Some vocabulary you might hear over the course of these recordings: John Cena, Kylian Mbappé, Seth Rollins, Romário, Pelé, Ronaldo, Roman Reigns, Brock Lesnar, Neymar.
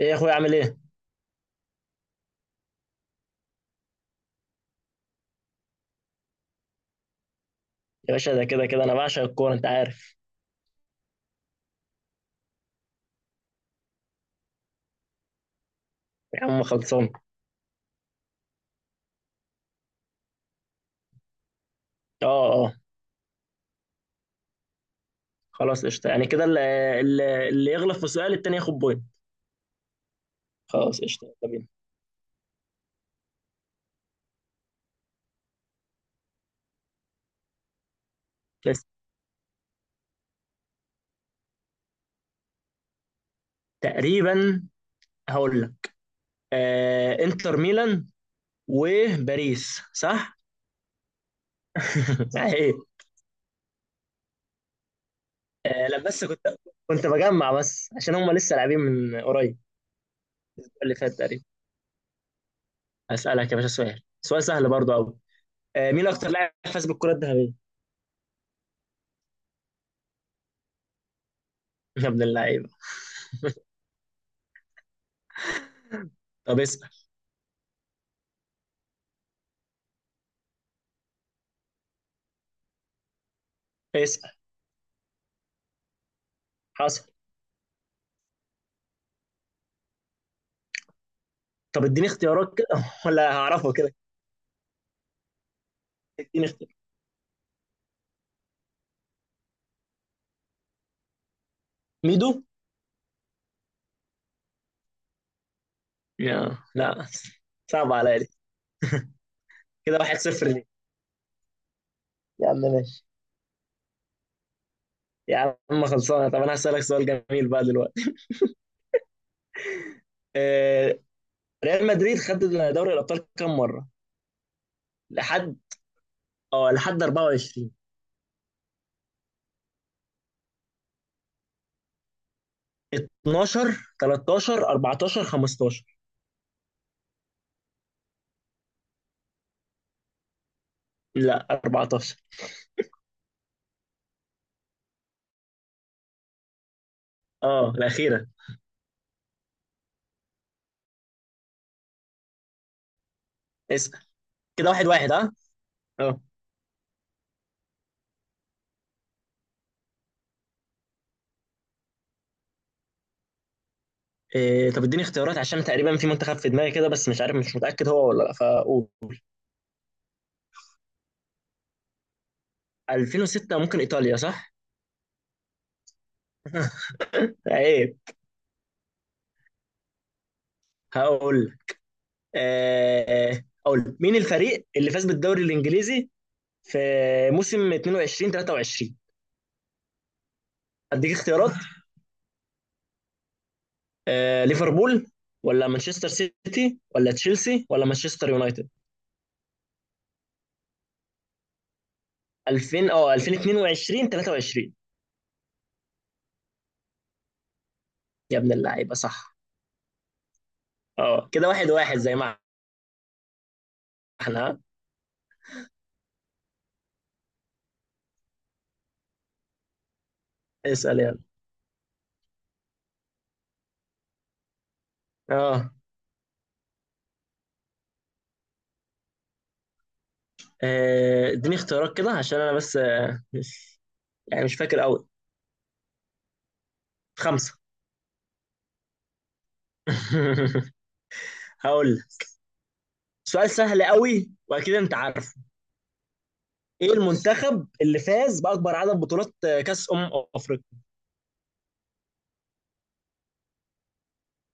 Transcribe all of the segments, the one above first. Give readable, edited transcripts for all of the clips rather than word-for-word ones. ايه يا اخويا، عامل ايه يا باشا؟ ده كده كده انا بعشق الكوره، انت عارف. يا عم خلصان. اه، اه. خلاص قشطه، يعني كده اللي يغلط في سؤال التاني ياخد بوينت. خلاص قشطه، يلا بينا. بس تقريبا هقول لك، انتر ميلان وباريس، صح. صحيح. آه لا، بس كنت بجمع بس عشان هم لسه لاعبين من قريب اللي فات تقريبا. هسألك يا باشا سؤال، سؤال سهل برضه قوي. مين اكتر لاعب فاز بالكره الذهبيه؟ يا ابن اللعيبه. طب اسأل، اسأل. حصل. طب اديني اختيارات كده ولا هعرفه كده. اديني اختيارات، ميدو. يا لا، صعب عليا دي. كده واحد صفر ليه. يا عم ماشي. يا عم خلصانه، طب انا هسألك سؤال جميل بقى دلوقتي. آه، ريال مدريد خد دوري الابطال كام مره؟ لحد، اه لحد 24. 12، 13، 14، 15. لا، 14. اه الاخيره. اسأل. كده واحد واحد، ها؟ اه. إيه؟ طب اديني اختيارات عشان تقريبا في منتخب في دماغي كده، بس مش عارف، مش متأكد هو ولا لا، فقول. 2006 ممكن ايطاليا، صح؟ عيب. هقول لك. آه اقول لك. مين الفريق اللي فاز بالدوري الانجليزي في موسم 22 23؟ اديك اختيارات. آه ليفربول، ولا مانشستر سيتي، ولا تشيلسي، ولا مانشستر يونايتد؟ 2000، اه 2022 23. يا ابن اللعيبه صح. اه، كده واحد واحد زي ما احنا. ها؟ اسال يلا. اه، اديني اختيارات كده عشان انا بس مش يعني مش فاكر قوي. خمسة. هقول سؤال سهل قوي واكيد انت عارفه. ايه المنتخب اللي فاز باكبر عدد بطولات، كاس افريقيا؟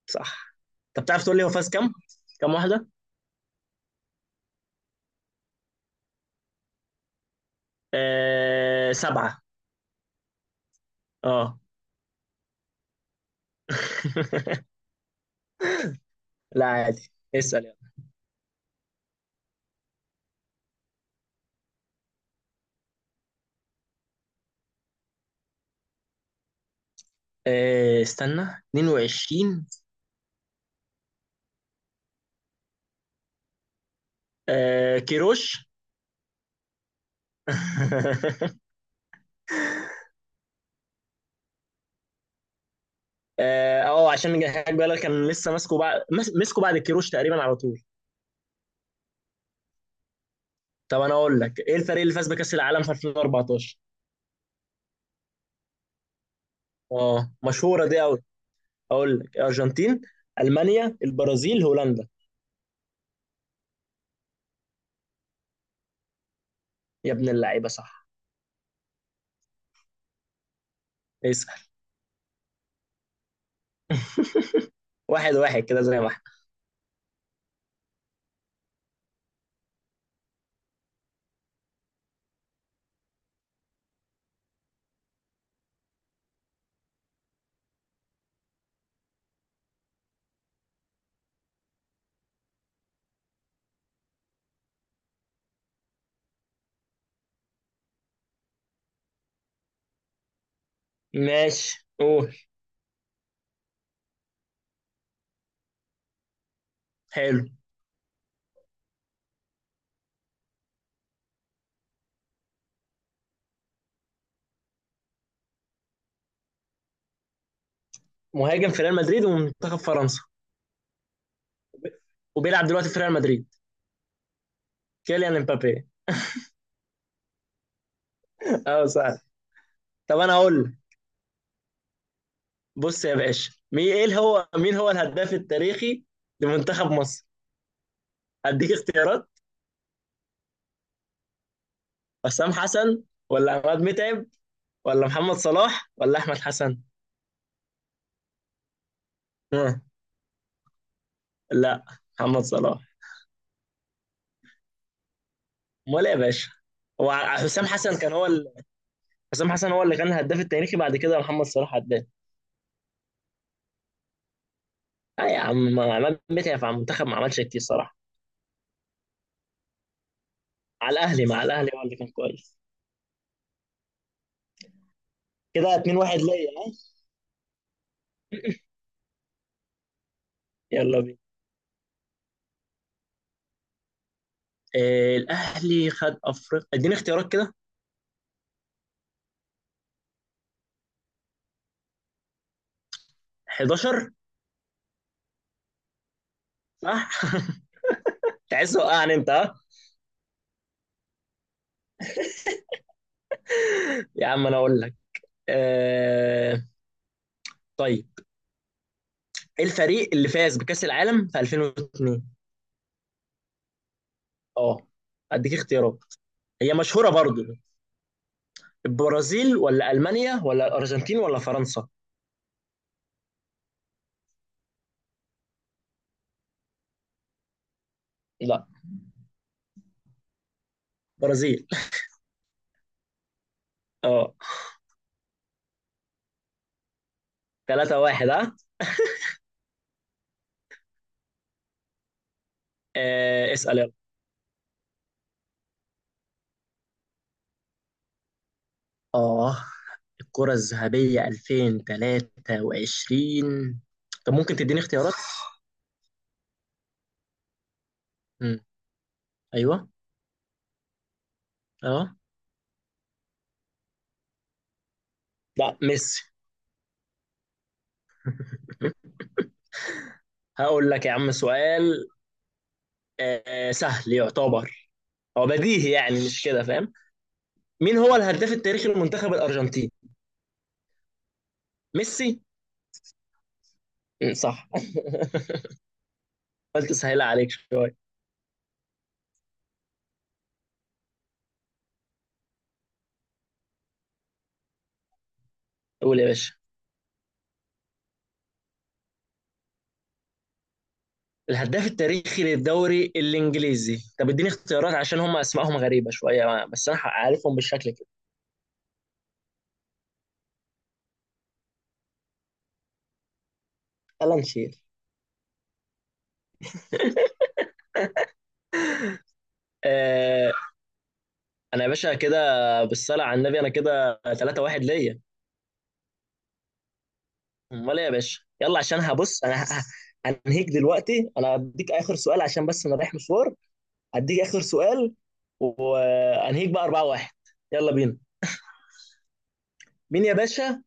صح. طب تعرف تقول لي هو فاز كام، كام واحده؟ سبعه. اه. لا عادي، اسال يلا. استنى، 22. كيروش. اه، عشان نجهز بالك كان لسه ماسكه بعد مسكه بعد الكيروش تقريبا على طول. طب انا اقول لك، ايه الفريق اللي فاز بكاس العالم في 2014؟ اه مشهوره دي. اقول لك الارجنتين، المانيا، البرازيل، هولندا. يا ابن اللعيبه صح. اسال. واحد واحد كده زي ما احنا. ماشي، قول. حلو. مهاجم في ريال مدريد ومنتخب فرنسا، وبيلعب دلوقتي في ريال مدريد. كيليان امبابي. اه سهل. طب انا اقول لك. بص يا باشا، مين ايه هو، مين هو الهداف التاريخي لمنتخب مصر؟ اديك اختيارات. حسام حسن، ولا عماد متعب، ولا محمد صلاح، ولا احمد حسن؟ ها. لا، محمد صلاح. امال ايه يا باشا؟ هو حسام حسن كان هو، حسام حسن هو اللي كان الهداف التاريخي بعد كده محمد صلاح هداف. اه يا عم، عماد متعب مع المنتخب ما عملش كتير صراحه. على الاهلي، مع الاهلي هو اللي كان كويس. كده 2-1 ليا، ها. يلا بينا. آه الاهلي خد افريقيا، اديني اختيارات كده. 11. صح. تحس وقعني انت، ها. يا عم انا اقول لك. آه طيب، ايه الفريق اللي فاز بكأس العالم في 2002؟ اه اديك اختيارات، هي مشهورة برضو. البرازيل، ولا ألمانيا، ولا الأرجنتين، ولا فرنسا؟ لا، برازيل. اه، 3-1 ها. اسأل يلا. آه الكرة الذهبية 2023. طب ممكن تديني اختيارات؟ مم. أيوه. أه. لا، ميسي. هقول لك يا عم سؤال، سهل يعتبر، هو بديهي يعني مش كده، فاهم. مين هو الهداف التاريخي لمنتخب الأرجنتين؟ ميسي. مم، صح. قلت سهل عليك شوية. قول يا باشا. الهداف التاريخي للدوري الإنجليزي. طب اديني اختيارات عشان هم أسمائهم غريبة شوية بس أنا عارفهم بالشكل كده. يلا نشيل. آه، انا يا باشا كده بالصلاه على النبي، انا كده 3-1 ليا. امال ايه يا باشا؟ يلا عشان هبص، هنهيك دلوقتي، انا هديك اخر سؤال عشان بس انا رايح مشوار. هديك اخر سؤال وهنهيك بقى 4-1. يلا بينا. مين يا باشا؟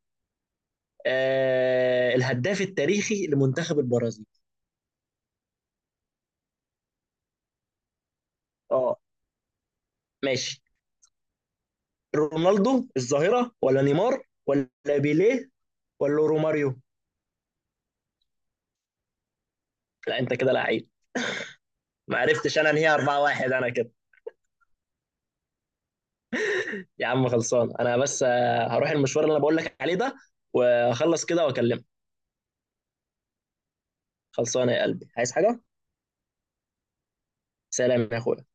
آه الهداف التاريخي لمنتخب البرازيل. اه ماشي. رونالدو الظاهره، ولا نيمار، ولا بيليه، ولا روماريو. لا، انت كده لعيب. ما عرفتش انا انهي. 4-1 انا كده. يا عم خلصان، انا بس هروح المشوار اللي انا بقول لك عليه ده، واخلص كده واكلمك. خلصانه يا قلبي، عايز حاجه؟ سلام يا اخويا.